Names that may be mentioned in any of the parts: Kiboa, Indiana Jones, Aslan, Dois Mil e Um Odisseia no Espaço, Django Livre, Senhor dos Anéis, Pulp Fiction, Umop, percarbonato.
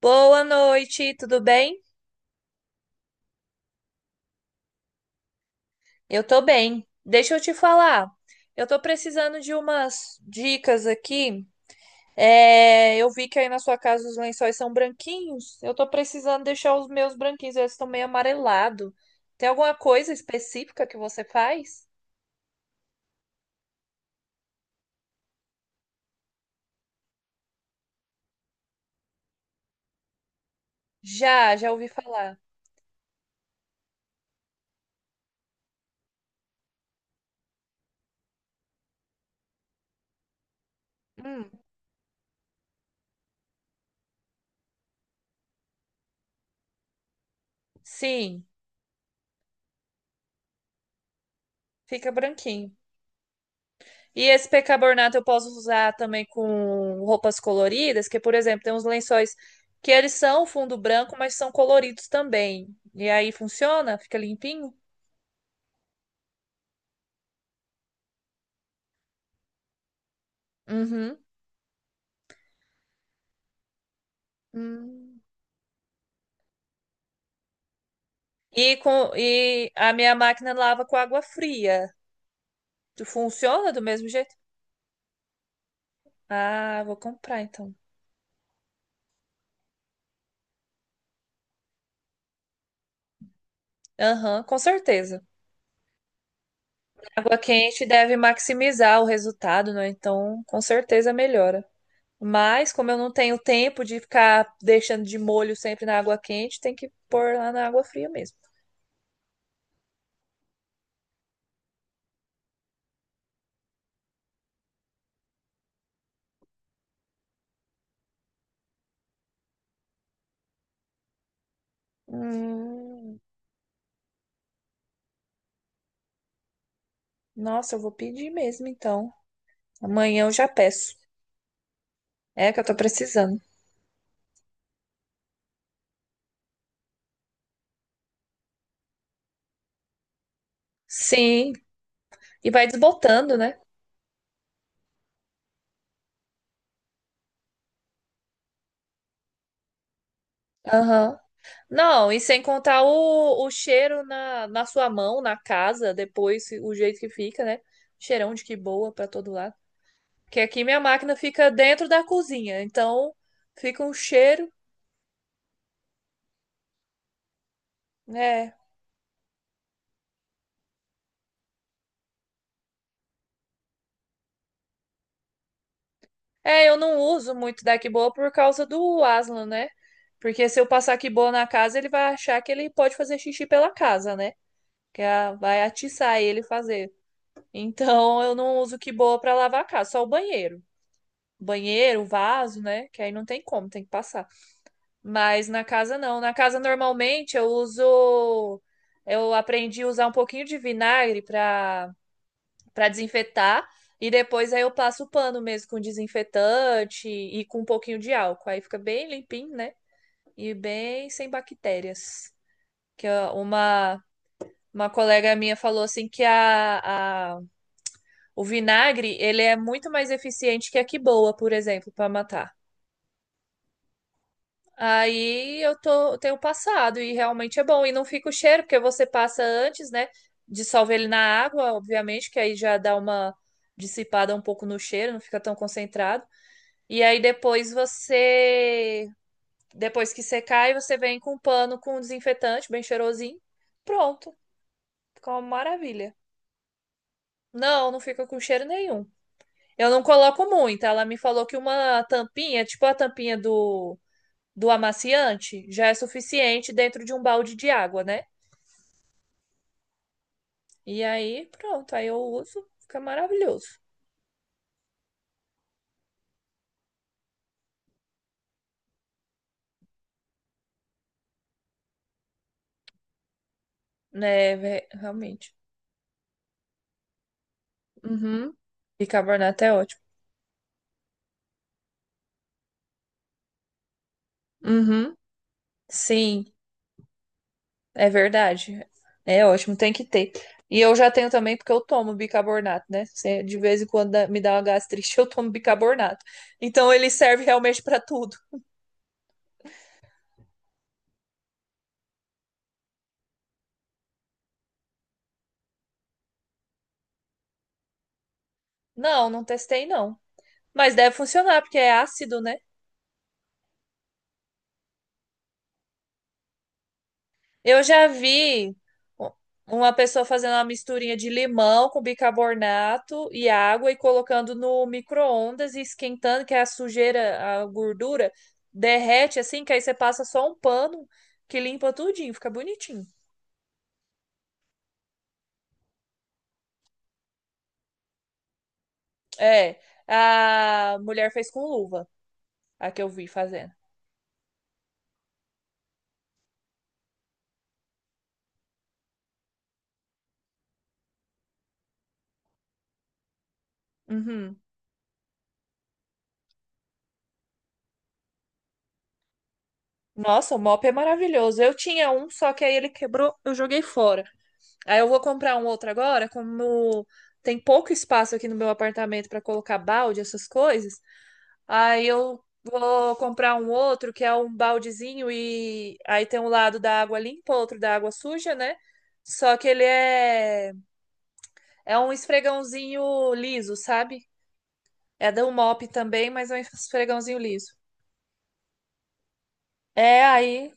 Boa noite, tudo bem? Eu tô bem. Deixa eu te falar. Eu tô precisando de umas dicas aqui. É, eu vi que aí na sua casa os lençóis são branquinhos. Eu tô precisando deixar os meus branquinhos, eles estão meio amarelados. Tem alguma coisa específica que você faz? Já ouvi falar. Hum, sim, fica branquinho. E esse percarbonato eu posso usar também com roupas coloridas, que, por exemplo, tem uns lençóis que eles são fundo branco, mas são coloridos também. E aí funciona? Fica limpinho? Uhum. Hum. E a minha máquina lava com água fria. Tu funciona do mesmo jeito? Ah, vou comprar então. Aham, com certeza. Água quente deve maximizar o resultado, né? Então, com certeza melhora. Mas, como eu não tenho tempo de ficar deixando de molho sempre na água quente, tem que pôr lá na água fria mesmo. Hum, nossa, eu vou pedir mesmo então. Amanhã eu já peço. É que eu tô precisando. Sim, e vai desbotando, né? Aham. Não, e sem contar o cheiro na sua mão, na casa, depois o jeito que fica, né? Cheirão de que boa pra todo lado. Que aqui minha máquina fica dentro da cozinha, então fica um cheiro, né? É, eu não uso muito da Kiboa por causa do Aslan, né? Porque se eu passar Kiboa na casa, ele vai achar que ele pode fazer xixi pela casa, né? Vai atiçar ele fazer. Então eu não uso Kiboa pra lavar a casa, só o banheiro. Banheiro, vaso, né? Que aí não tem como, tem que passar. Mas na casa não. Na casa normalmente eu uso. Eu aprendi a usar um pouquinho de vinagre pra para desinfetar e depois aí eu passo o pano mesmo com desinfetante e com um pouquinho de álcool. Aí fica bem limpinho, né? E bem sem bactérias. Que ó, uma colega minha falou assim que a, o vinagre, ele é muito mais eficiente que a quiboa, por exemplo, para matar. Eu tenho passado e realmente é bom. E não fica o cheiro, porque você passa antes, né? Dissolve ele na água, obviamente, que aí já dá uma dissipada um pouco no cheiro, não fica tão concentrado. E aí depois você, Depois que secar, aí você vem com um pano com desinfetante bem cheirosinho. Pronto, fica uma maravilha. Não, não fica com cheiro nenhum. Eu não coloco muito. Ela me falou que uma tampinha, tipo a tampinha do amaciante, já é suficiente dentro de um balde de água, né? E aí, pronto, aí eu uso, fica maravilhoso. Realmente. Uhum. Bicarbonato é ótimo. Uhum. Sim. É verdade. É ótimo, tem que ter. E eu já tenho também porque eu tomo bicarbonato, né? De vez em quando me dá uma gastrite, eu tomo bicarbonato. Então ele serve realmente pra tudo. Não, não testei não. Mas deve funcionar porque é ácido, né? Eu já vi u- uma pessoa fazendo uma misturinha de limão com bicarbonato e água e colocando no micro-ondas e esquentando, que é a sujeira, a gordura derrete assim, que aí você passa só um pano que limpa tudinho, fica bonitinho. É, a mulher fez com luva, a que eu vi fazendo. Uhum. Nossa, o mop é maravilhoso. Eu tinha um, só que aí ele quebrou, eu joguei fora. Aí eu vou comprar um outro agora, como tem pouco espaço aqui no meu apartamento para colocar balde, essas coisas. Aí eu vou comprar um outro que é um baldezinho e aí tem um lado da água limpa, outro da água suja, né? Só que ele é É um esfregãozinho liso, sabe? É da Umop também, mas é um esfregãozinho liso. É, aí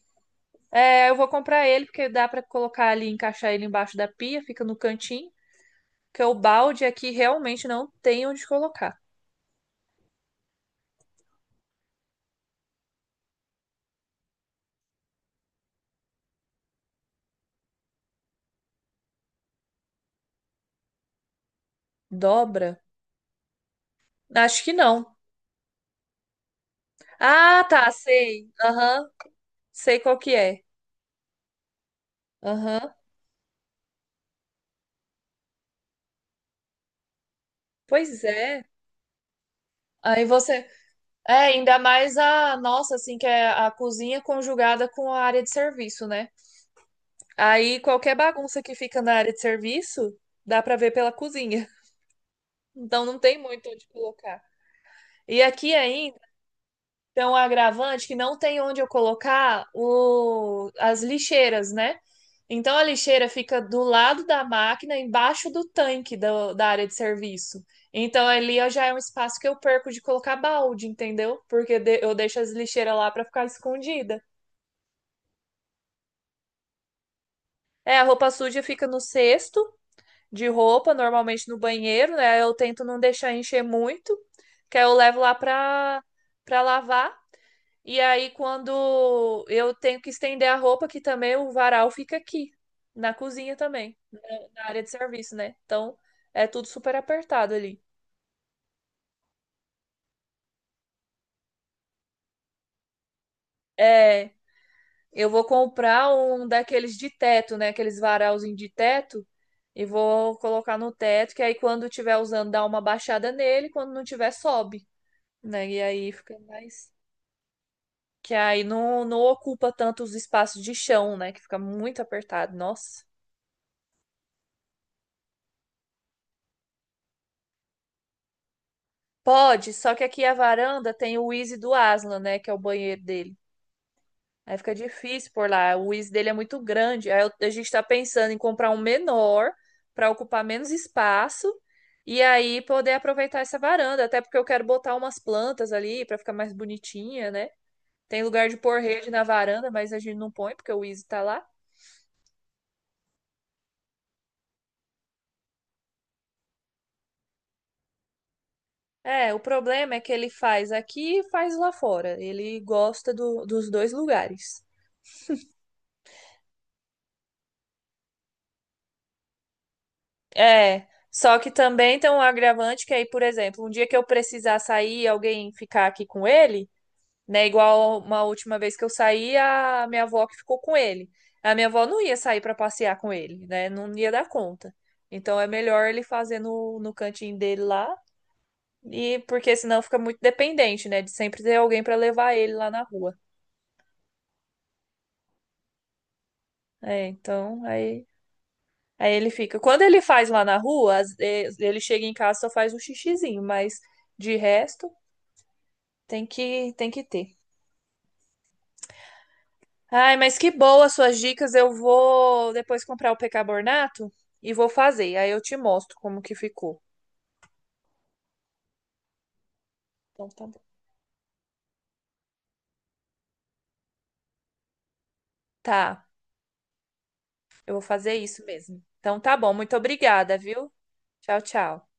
eu vou comprar ele, porque dá pra colocar ali, encaixar ele embaixo da pia, fica no cantinho. Porque o balde aqui realmente não tem onde colocar. Dobra? Acho que não. Ah, tá, sei. Aham, sei qual que é. Aham, pois é. Aí você. É, ainda mais a nossa, assim, que é a cozinha conjugada com a área de serviço, né? Aí qualquer bagunça que fica na área de serviço, dá pra ver pela cozinha. Então não tem muito onde colocar. E aqui ainda tem um agravante que não tem onde eu colocar o... as lixeiras, né? Então a lixeira fica do lado da máquina, embaixo do tanque da área de serviço. Então já é um espaço que eu perco de colocar balde, entendeu? Eu deixo as lixeiras lá para ficar escondida. É, a roupa suja fica no cesto de roupa, normalmente no banheiro, né? Eu tento não deixar encher muito, que aí eu levo lá pra lavar. E aí, quando eu tenho que estender a roupa, que também o varal fica aqui, na cozinha também, na área de serviço, né? Então, é tudo super apertado ali. É, eu vou comprar um daqueles de teto, né? Aqueles varalzinhos de teto, e vou colocar no teto, que aí quando tiver usando, dá uma baixada nele, quando não tiver, sobe, né? E aí fica mais. Que aí não ocupa tanto os espaços de chão, né? Que fica muito apertado. Nossa. Pode, só que aqui a varanda tem o Easy do Aslan, né? Que é o banheiro dele. Aí fica difícil por lá. O Easy dele é muito grande. A gente tá pensando em comprar um menor para ocupar menos espaço e aí poder aproveitar essa varanda. Até porque eu quero botar umas plantas ali para ficar mais bonitinha, né? Tem lugar de pôr rede na varanda, mas a gente não põe porque o Easy tá lá. É, o problema é que ele faz aqui e faz lá fora. Ele gosta dos dois lugares. É, só que também tem um agravante que aí, por exemplo, um dia que eu precisar sair e alguém ficar aqui com ele, né? Igual uma última vez que eu saí, a minha avó que ficou com ele. A minha avó não ia sair para passear com ele, né? Não ia dar conta. Então é melhor ele fazer no cantinho dele lá, e porque senão fica muito dependente, né? De sempre ter alguém para levar ele lá na rua. É, então aí Aí ele fica. Quando ele faz lá na rua, ele chega em casa e só faz um xixizinho, mas de resto tem que ter. Ai, mas que boa as suas dicas. Eu vou depois comprar o percarbonato e vou fazer. Aí eu te mostro como que ficou. Então tá bom. Tá, eu vou fazer isso mesmo. Então tá bom. Muito obrigada, viu? Tchau, tchau.